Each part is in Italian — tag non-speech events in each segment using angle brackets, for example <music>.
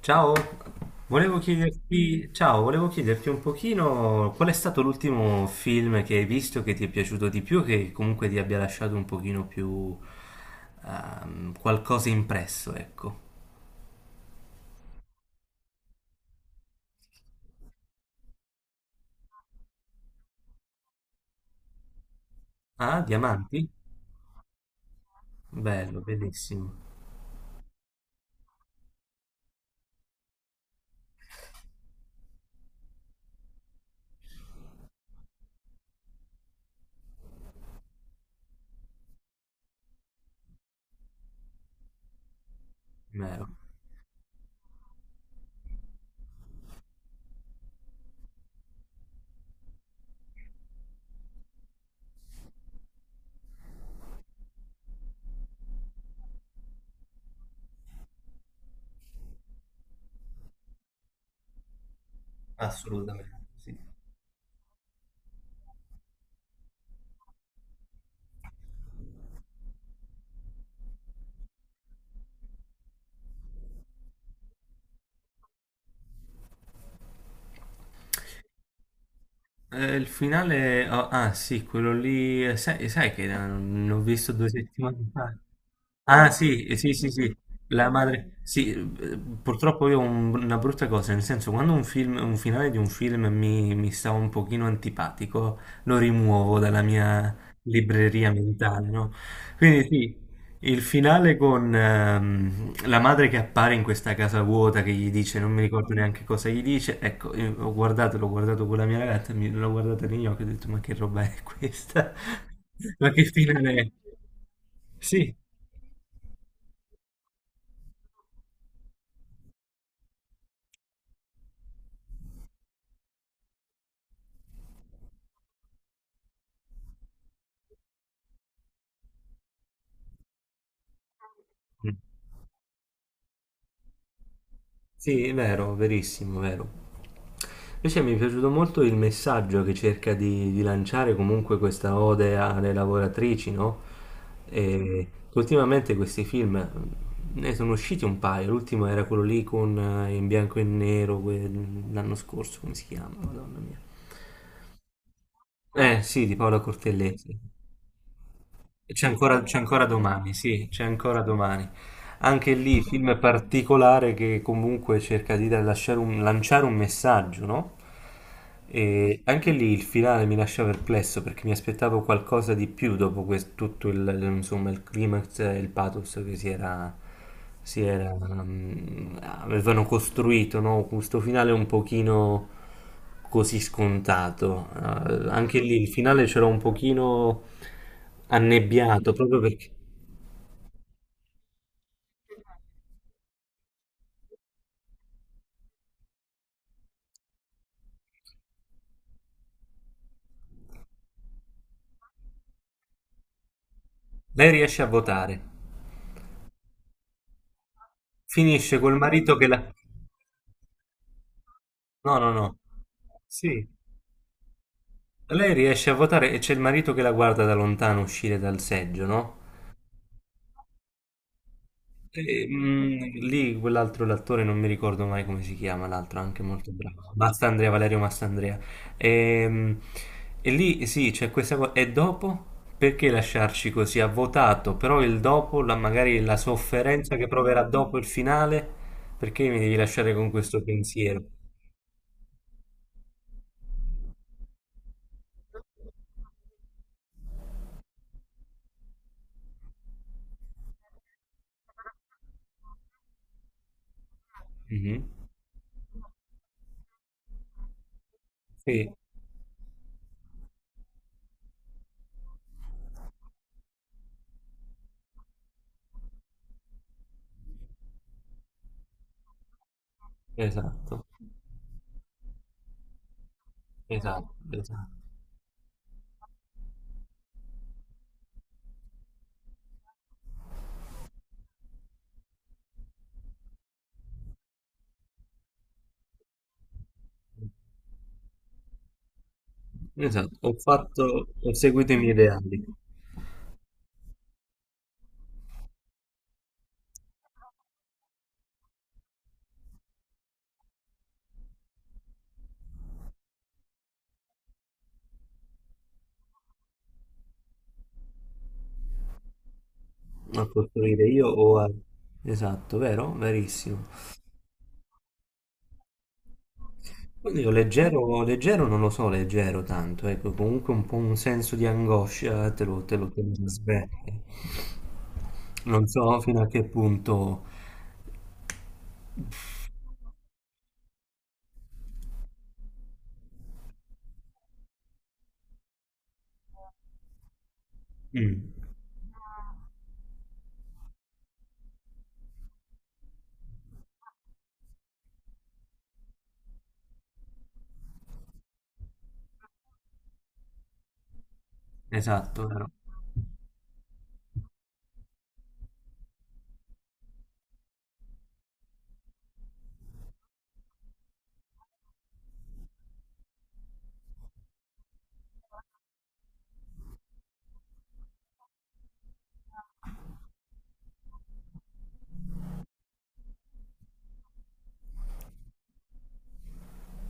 Ciao, ciao, volevo chiederti un pochino qual è stato l'ultimo film che hai visto che ti è piaciuto di più, che comunque ti abbia lasciato un pochino più qualcosa impresso, ecco. Ah, Diamanti? Bello, bellissimo, vero. Assolutamente, sì. Il finale, oh, ah sì, quello lì, sai che l'ho visto 2 settimane fa. Ah sì, sì, sì, sì, la madre, sì, purtroppo io ho una brutta cosa, nel senso quando un film, un finale di un film mi sta un pochino antipatico, lo rimuovo dalla mia libreria mentale, no? Quindi sì, il finale con la madre che appare in questa casa vuota che gli dice, non mi ricordo neanche cosa gli dice, ecco, io ho guardato, l'ho guardato con la mia ragazza, l'ho guardata negli occhi e ho detto, ma che roba è questa? <laughs> Ma che finale è? Sì. Mm. Sì, è vero, verissimo, vero. Invece mi è piaciuto molto il messaggio che cerca di lanciare comunque questa ode alle lavoratrici, no? E ultimamente questi film ne sono usciti un paio, l'ultimo era quello lì con in bianco e nero, l'anno scorso, come si chiama? Madonna mia. Eh sì, di Paola Cortellesi. C'è ancora domani, sì, c'è ancora domani. Anche lì, film particolare che comunque cerca di lasciare lanciare un messaggio, no? E anche lì il finale mi lascia perplesso perché mi aspettavo qualcosa di più dopo tutto il, insomma, il climax e il pathos che avevano costruito, no? Questo finale un pochino così scontato. Anche lì il finale ce l'ho un pochino annebbiato, proprio perché lei riesce a votare. Finisce col marito che la... No, no, no. Sì. Lei riesce a votare e c'è il marito che la guarda da lontano uscire dal seggio, no? E, mm, lì quell'altro l'attore non mi ricordo mai come si chiama, l'altro anche molto bravo. Mastandrea, Valerio Mastandrea. E, mm, e lì sì, c'è questa cosa. E dopo? Perché lasciarci così? Ha votato, però il dopo, magari la sofferenza che proverà dopo il finale, perché mi devi lasciare con questo pensiero? Mhm. Sì, esatto, esatto, esatto. Esatto, ho fatto, ho seguito i miei ideali. A costruire io o a... Esatto, vero? Verissimo. Quindi io leggero, leggero non lo so, leggero tanto, ecco, comunque un po' un senso di angoscia te lo, te lo, te lo trasmette. Non so fino a che punto... Mm, esatto, vero?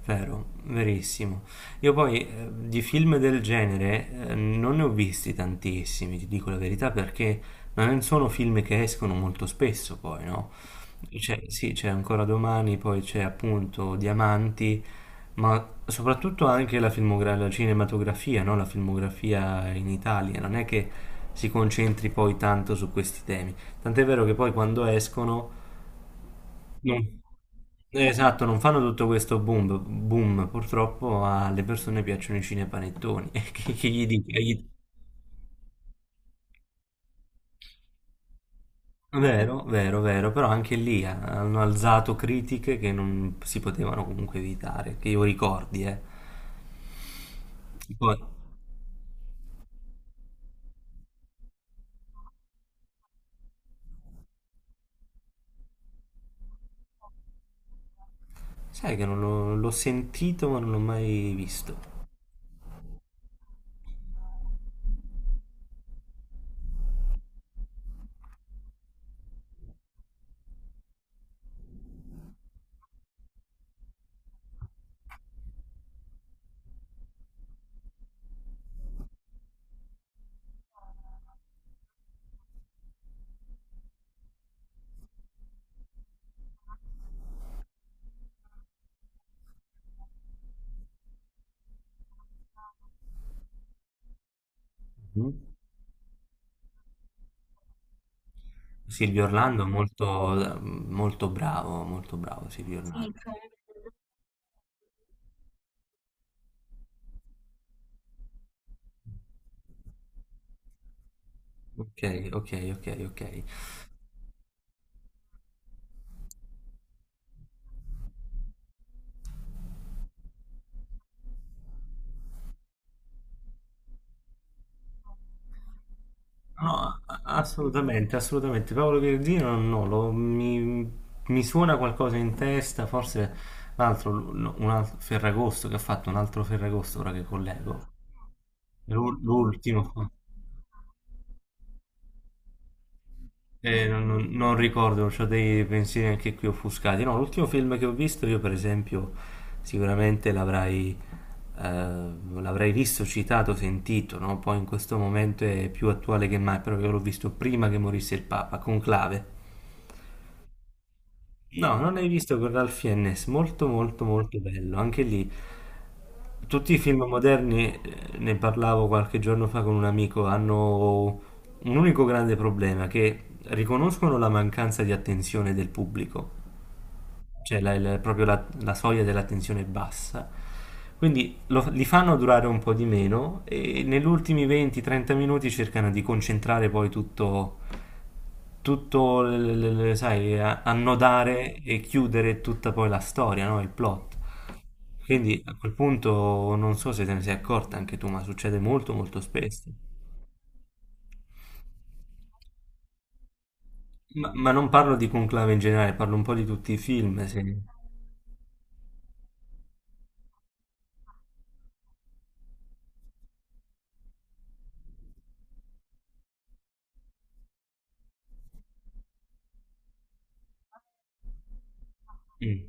Vero, verissimo. Io poi di film del genere non ne ho visti tantissimi, ti dico la verità, perché non sono film che escono molto spesso poi, no? Sì, c'è ancora domani, poi c'è appunto Diamanti, ma soprattutto anche la la cinematografia, no? La filmografia in Italia, non è che si concentri poi tanto su questi temi. Tant'è vero che poi quando escono non- esatto, non fanno tutto questo boom, boom. Purtroppo alle persone piacciono i cinepanettoni. <laughs> Che gli dica? Vero, vero, vero, però anche lì hanno alzato critiche che non si potevano comunque evitare, che io ricordi, eh. Poi, sai che non l'ho sentito ma non l'ho mai visto. Mhm. Silvio Orlando è molto, molto bravo Silvio Orlando. Ok, ok, ok, ok. No, assolutamente, assolutamente. Paolo Verdino no, mi suona qualcosa in testa, forse l'altro, no, un altro Ferragosto che ha fatto un altro Ferragosto ora che collego. L'ultimo. Non ricordo, ho dei pensieri anche qui offuscati. No, l'ultimo film che ho visto io, per esempio, sicuramente l'avrai eh, l'avrei visto, citato, sentito, no? Poi in questo momento è più attuale che mai, però io l'ho visto prima che morisse il Papa, Conclave. No, non l'hai visto con Ralph Fiennes, molto molto molto bello, anche lì tutti i film moderni, ne parlavo qualche giorno fa con un amico, hanno un unico grande problema, che riconoscono la mancanza di attenzione del pubblico, cioè proprio la soglia dell'attenzione è bassa, quindi li fanno durare un po' di meno e negli ultimi 20-30 minuti cercano di concentrare poi tutto, sai, annodare e chiudere tutta poi la storia, no? Il plot. Quindi a quel punto non so se te ne sei accorta anche tu, ma succede molto molto spesso. Ma non parlo di Conclave in generale, parlo un po' di tutti i film, se... Mm.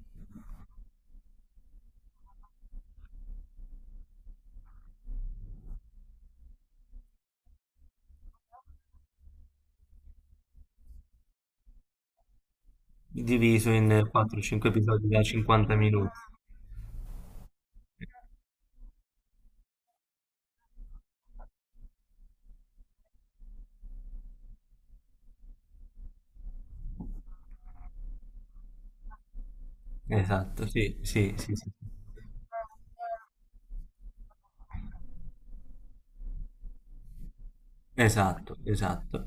Diviso in 4-5 episodi da 50 minuti. Esatto, sì, sì, sì, sì. Esatto, esatto.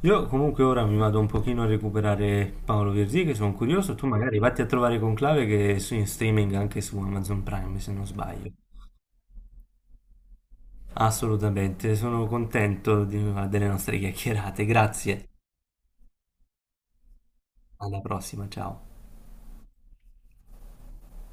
Io comunque ora mi vado un pochino a recuperare Paolo Virzì, che sono curioso. Tu magari vatti a trovare Conclave che è in streaming anche su Amazon Prime, se non sbaglio. Assolutamente, sono contento delle nostre chiacchierate. Grazie, alla prossima, ciao.